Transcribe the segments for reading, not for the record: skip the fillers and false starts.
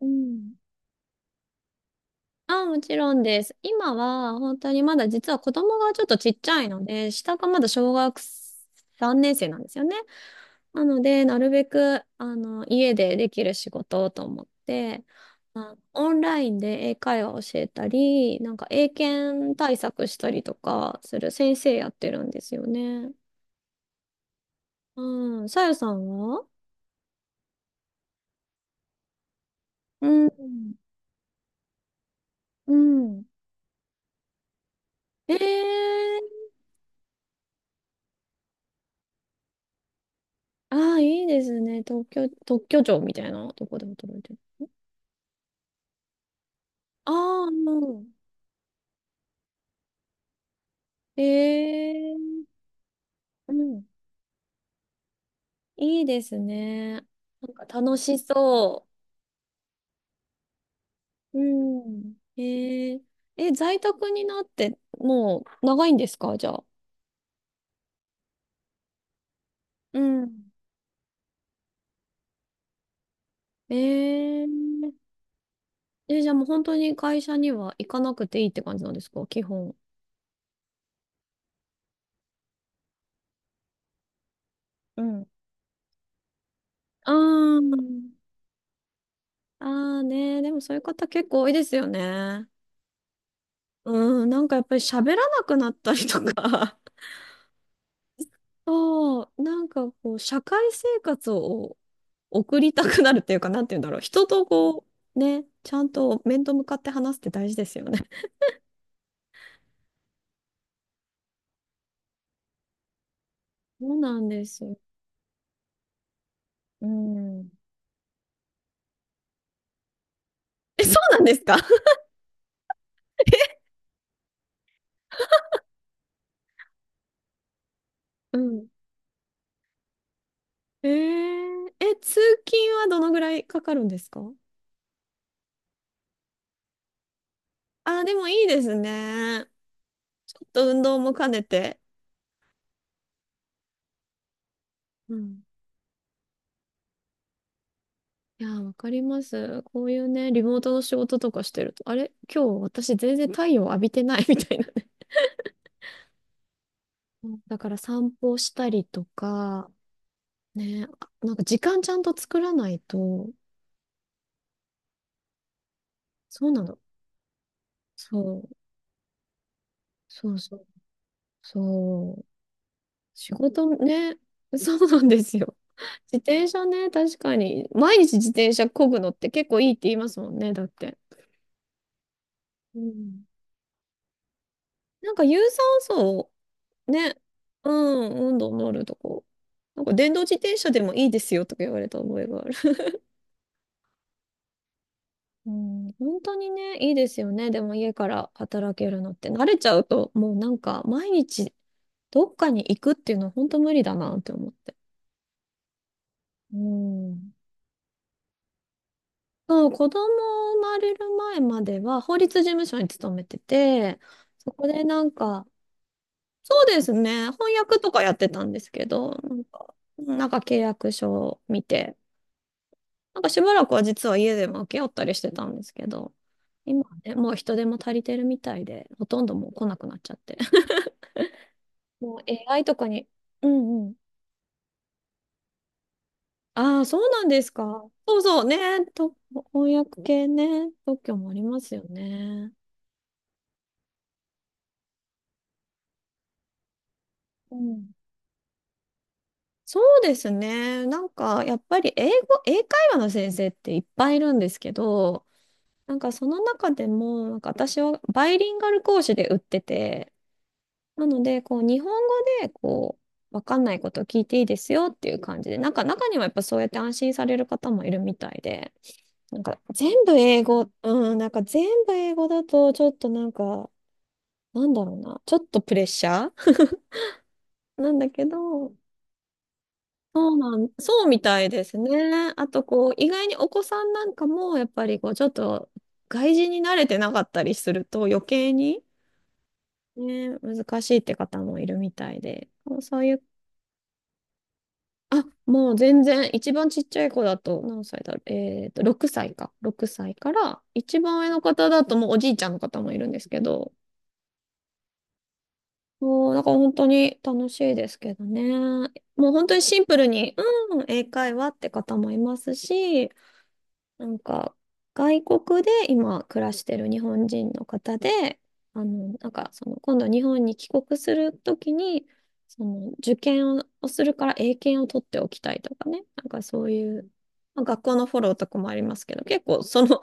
うん。あ、もちろんです。今は、本当にまだ実は子供がちょっとちっちゃいので、下がまだ小学3年生なんですよね。なので、なるべく、家でできる仕事をと思って、オンラインで英会話を教えたり、なんか英検対策したりとかする先生やってるんですよね。うん。さゆさんは。うん。うん。えー。ああ、いいですね。特許庁みたいなとこで働いてる。ああ、うん。ええ。うん。いいですね。なんか楽しそう。うん。え。ええ、在宅になって、もう長いんですかじゃあ。うん。え。ええ、じゃあもう本当に会社には行かなくていいって感じなんですか基本。うん。ああ、あ。あね。でもそういう方結構多いですよね。うん、なんかやっぱり喋らなくなったりとか、そう、なんかこう、社会生活を送りたくなるっていうか、なんて言うんだろう、人とこう、ね、ちゃんと面と向かって話すって大事ですよね。そうなんですよ。うん。え、そうなんですか。 うん。えー、通勤はどのぐらいかかるんですか。あー、でもいいですね。ちょっと運動も兼ねて。うん。いやー、わかります。こういうね、リモートの仕事とかしてると、あれ今日私全然太陽浴びてない みたいなね。うんだから散歩したりとか、ね、なんか時間ちゃんと作らないと、そうなの。そう、そうそう、そう。仕事ね、そうなんですよ。自転車ね、確かに。毎日自転車漕ぐのって結構いいって言いますもんね、だって。うん。なんか有酸素をね、うん、温度のあるとこ。なんか電動自転車でもいいですよとか言われた覚えがある。うん、本当にね、いいですよね。でも家から働けるのって。慣れちゃうと、もうなんか毎日どっかに行くっていうのは本当無理だなって思って。うん。そう、子供生まれる前までは法律事務所に勤めてて、そこでなんか、そうですね、翻訳とかやってたんですけど、なんか契約書を見て、なんかしばらくは実は家でもけ合ったりしてたんですけど、今はね、もう人手も足りてるみたいで、ほとんどもう来なくなっちゃって。もう AI とかに、うんうん。ああ、そうなんですか。そうそうね。と、翻訳系ね。特許もありますよね。うん。そうですね。やっぱり英会話の先生っていっぱいいるんですけど、なんかその中でも、なんか私はバイリンガル講師で売ってて、なので、日本語で、わかんないことを聞いていいですよっていう感じで、なんか中にはやっぱそうやって安心される方もいるみたいで、なんか全部英語、うん、なんか全部英語だとちょっとなんか、なんだろうな、ちょっとプレッシャー なんだけど、そうなん、そうみたいですね。あと、こう、意外にお子さんなんかも、やっぱりこう、ちょっと外人に慣れてなかったりすると余計に、ね、難しいって方もいるみたいで、そういう。あ、もう全然、一番ちっちゃい子だと、何歳だろう。えっと、6歳か。6歳から、一番上の方だともうおじいちゃんの方もいるんですけど、もう、なんから本当に楽しいですけどね。もう本当にシンプルに、うん、英会話って方もいますし、なんか、外国で今暮らしてる日本人の方で、今度日本に帰国するときに、受験をするから英検を取っておきたいとかね、なんかそういう、まあ、学校のフォローとかもありますけど、結構その、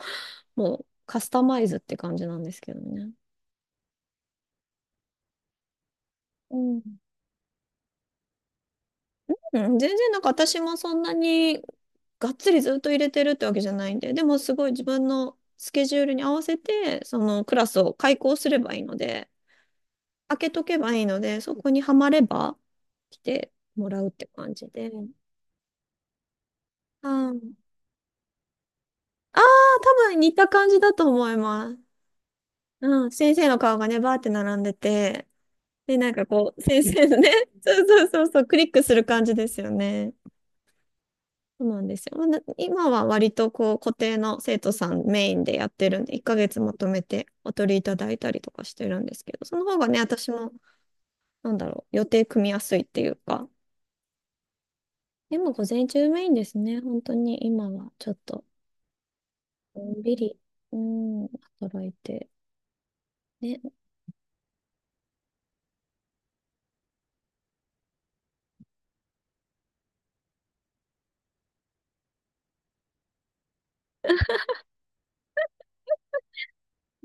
もうカスタマイズって感じなんですけどね。うん、うん全然なんか私もそんなにがっつりずっと入れてるってわけじゃないんで、でもすごい自分のスケジュールに合わせて、そのクラスを開講すればいいので、開けとけばいいので、そこにはまれば来てもらうって感じで。うん。ああ、多分似た感じだと思います。うん。先生の顔がね、バーって並んでて、で、なんかこう、先生のね、そうそうそうそう、クリックする感じですよね。そうなんですよ。まあ今は割とこう、固定の生徒さんメインでやってるんで、1ヶ月まとめてお取りいただいたりとかしてるんですけど、その方がね、私も、なんだろう、予定組みやすいっていうか、でも午前中メインですね。本当に今はちょっと、のんびり、うん、働いて。ね、確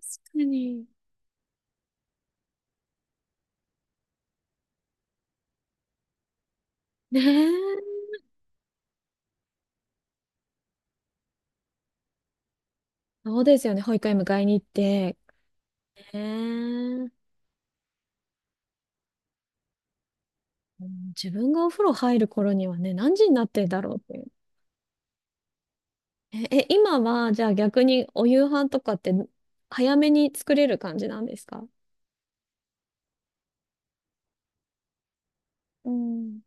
かに。ねえ。そうですよね。保育園迎えに行って。ねえ。うん。自分がお風呂入る頃にはね、何時になってんだろうっていう。え、え、今は、じゃあ逆にお夕飯とかって早めに作れる感じなんですか。うん。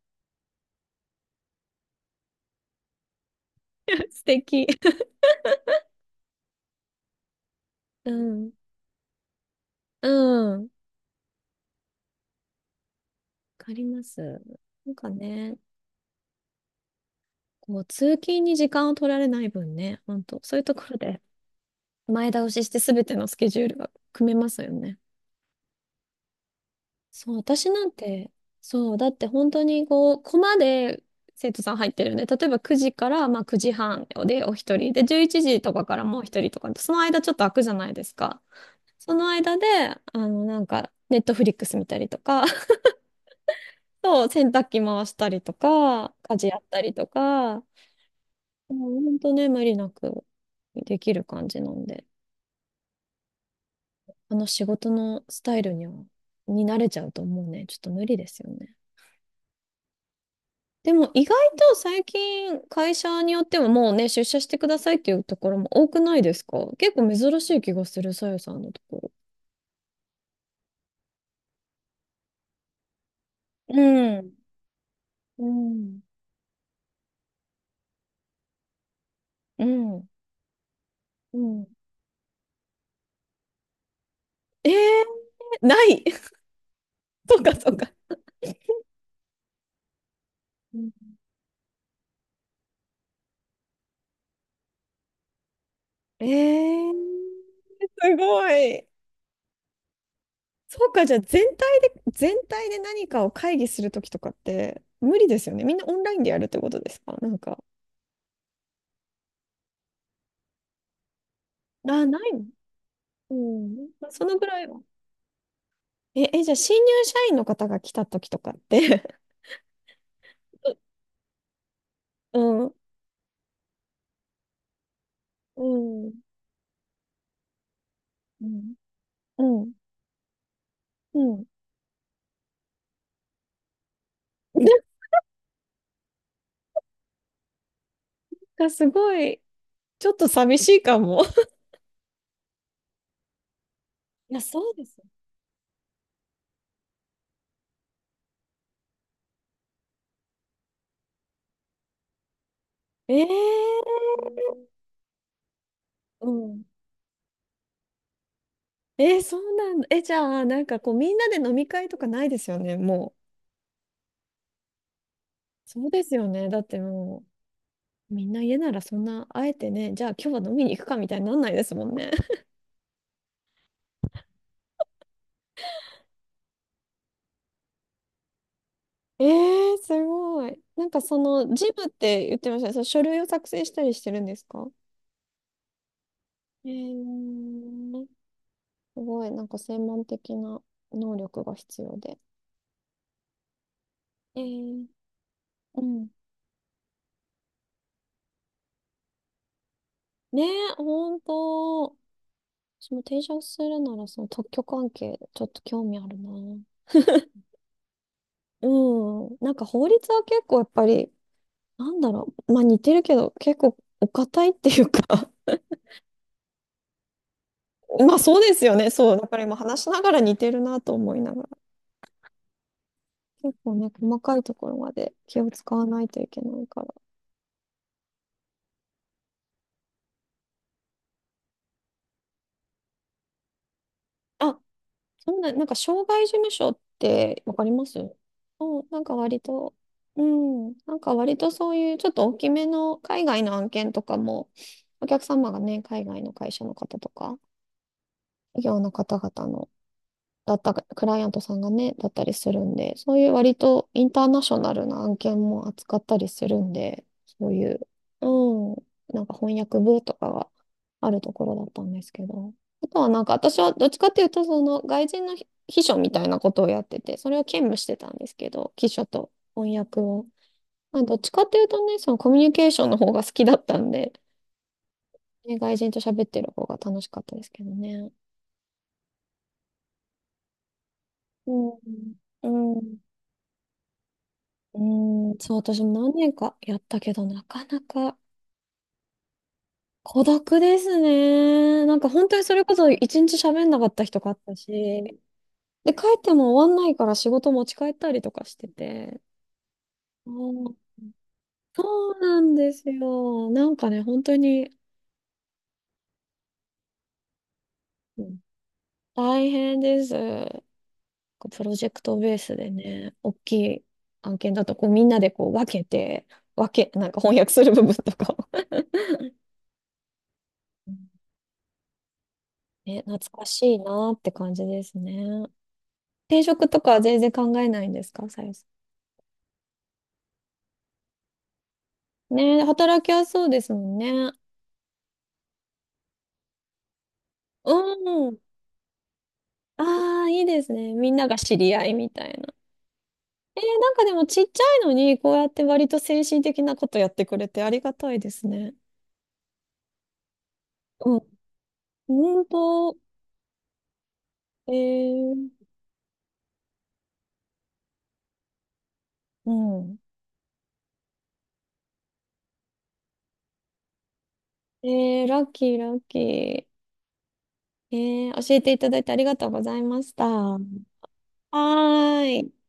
素敵。うん。うん。わかります。なんかね、こう、通勤に時間を取られない分ね、本当そういうところで前倒しして全てのスケジュールが組めますよね。そう、私なんて、そう、だって本当にこう、コマで生徒さん入ってるんで、例えば9時から、まあ、9時半でお一人、で、11時とかからもう一人とか、その間ちょっと空くじゃないですか。その間で、ネットフリックス見たりとか、そう、洗濯機回したりとか、家事やったりとか、もう本当ね、無理なくできる感じなんで。あの仕事のスタイルに慣れちゃうともうね、ちょっと無理ですよね。でも意外と最近会社によってはもうね、出社してくださいっていうところも多くないですか。結構珍しい気がする、さよさんのところ。うん。うん。うん。うん。えー、ない。 そうか、そうか。うん。えー、すごい。そうか、じゃあ全体で、全体で何かを会議するときとかって無理ですよね。みんなオンラインでやるってことですかなんか。あ、ない。うん。まあ、そのぐらいは。え、え、じゃあ、新入社員の方が来た時とかって。 うん、うん。うん。うん、うん。なんかすごい、ちょっと寂しいかも。いや、そうですよ。えー、うん。えー、そうなんだ。え、じゃあ、なんかこう、みんなで飲み会とかないですよね、もう。そうですよね。だってもう。う。みんな家ならそんな、あえてね、じゃあ今日は飲みに行くかみたいになんないですもんね。ええすごい。なんかその、ジムって言ってましたね。その書類を作成したりしてるんですか。えー、すごい、なんか専門的な能力が必要で。えー、うん。ねえ、ほんと。私も転職するなら、その特許関係、ちょっと興味あるな。うん。なんか法律は結構やっぱり、なんだろう。まあ似てるけど、結構お堅いっていうか まあそうですよね。そう。だから今話しながら似てるなと思いながら。結構ね、細かいところまで気を使わないといけないから。あ、なんか、障害事務所ってわかります。うん、なんか割と、うん、なんか割とそういうちょっと大きめの海外の案件とかも、お客様がね、海外の会社の方とか、企業の方々のだったか、クライアントさんがね、だったりするんで、そういう割とインターナショナルな案件も扱ったりするんで、そういう、うん、なんか翻訳部とかがあるところだったんですけど、あとはなんか私はどっちかっていうと、その外人の秘書みたいなことをやってて、それを兼務してたんですけど、秘書と翻訳を。まあ、どっちかっていうとね、そのコミュニケーションの方が好きだったんで、ね、外人と喋ってる方が楽しかったですけどね。うん。うん。うーん、そう、私も何年かやったけど、なかなか孤独ですね。なんか本当にそれこそ一日喋んなかった日とかあったし、で、帰っても終わんないから仕事持ち帰ったりとかしてて。うん。そうなんですよ。なんかね、本当に。うん。大変です。こうプロジェクトベースでね、大きい案件だとこうみんなでこう分けて、なんか翻訳する部分とかを。うん。ね、懐かしいなって感じですね。転職とかは全然考えないんですか、さゆさん。ねえ、働きやすそうですもんね。うん。ああ、いいですね。みんなが知り合いみたいな。えー、なんかでもちっちゃいのに、こうやって割と精神的なことやってくれてありがたいですね。うん。本当、えー、うん。えー、ラッキー。えー、教えていただいてありがとうございました。はーい。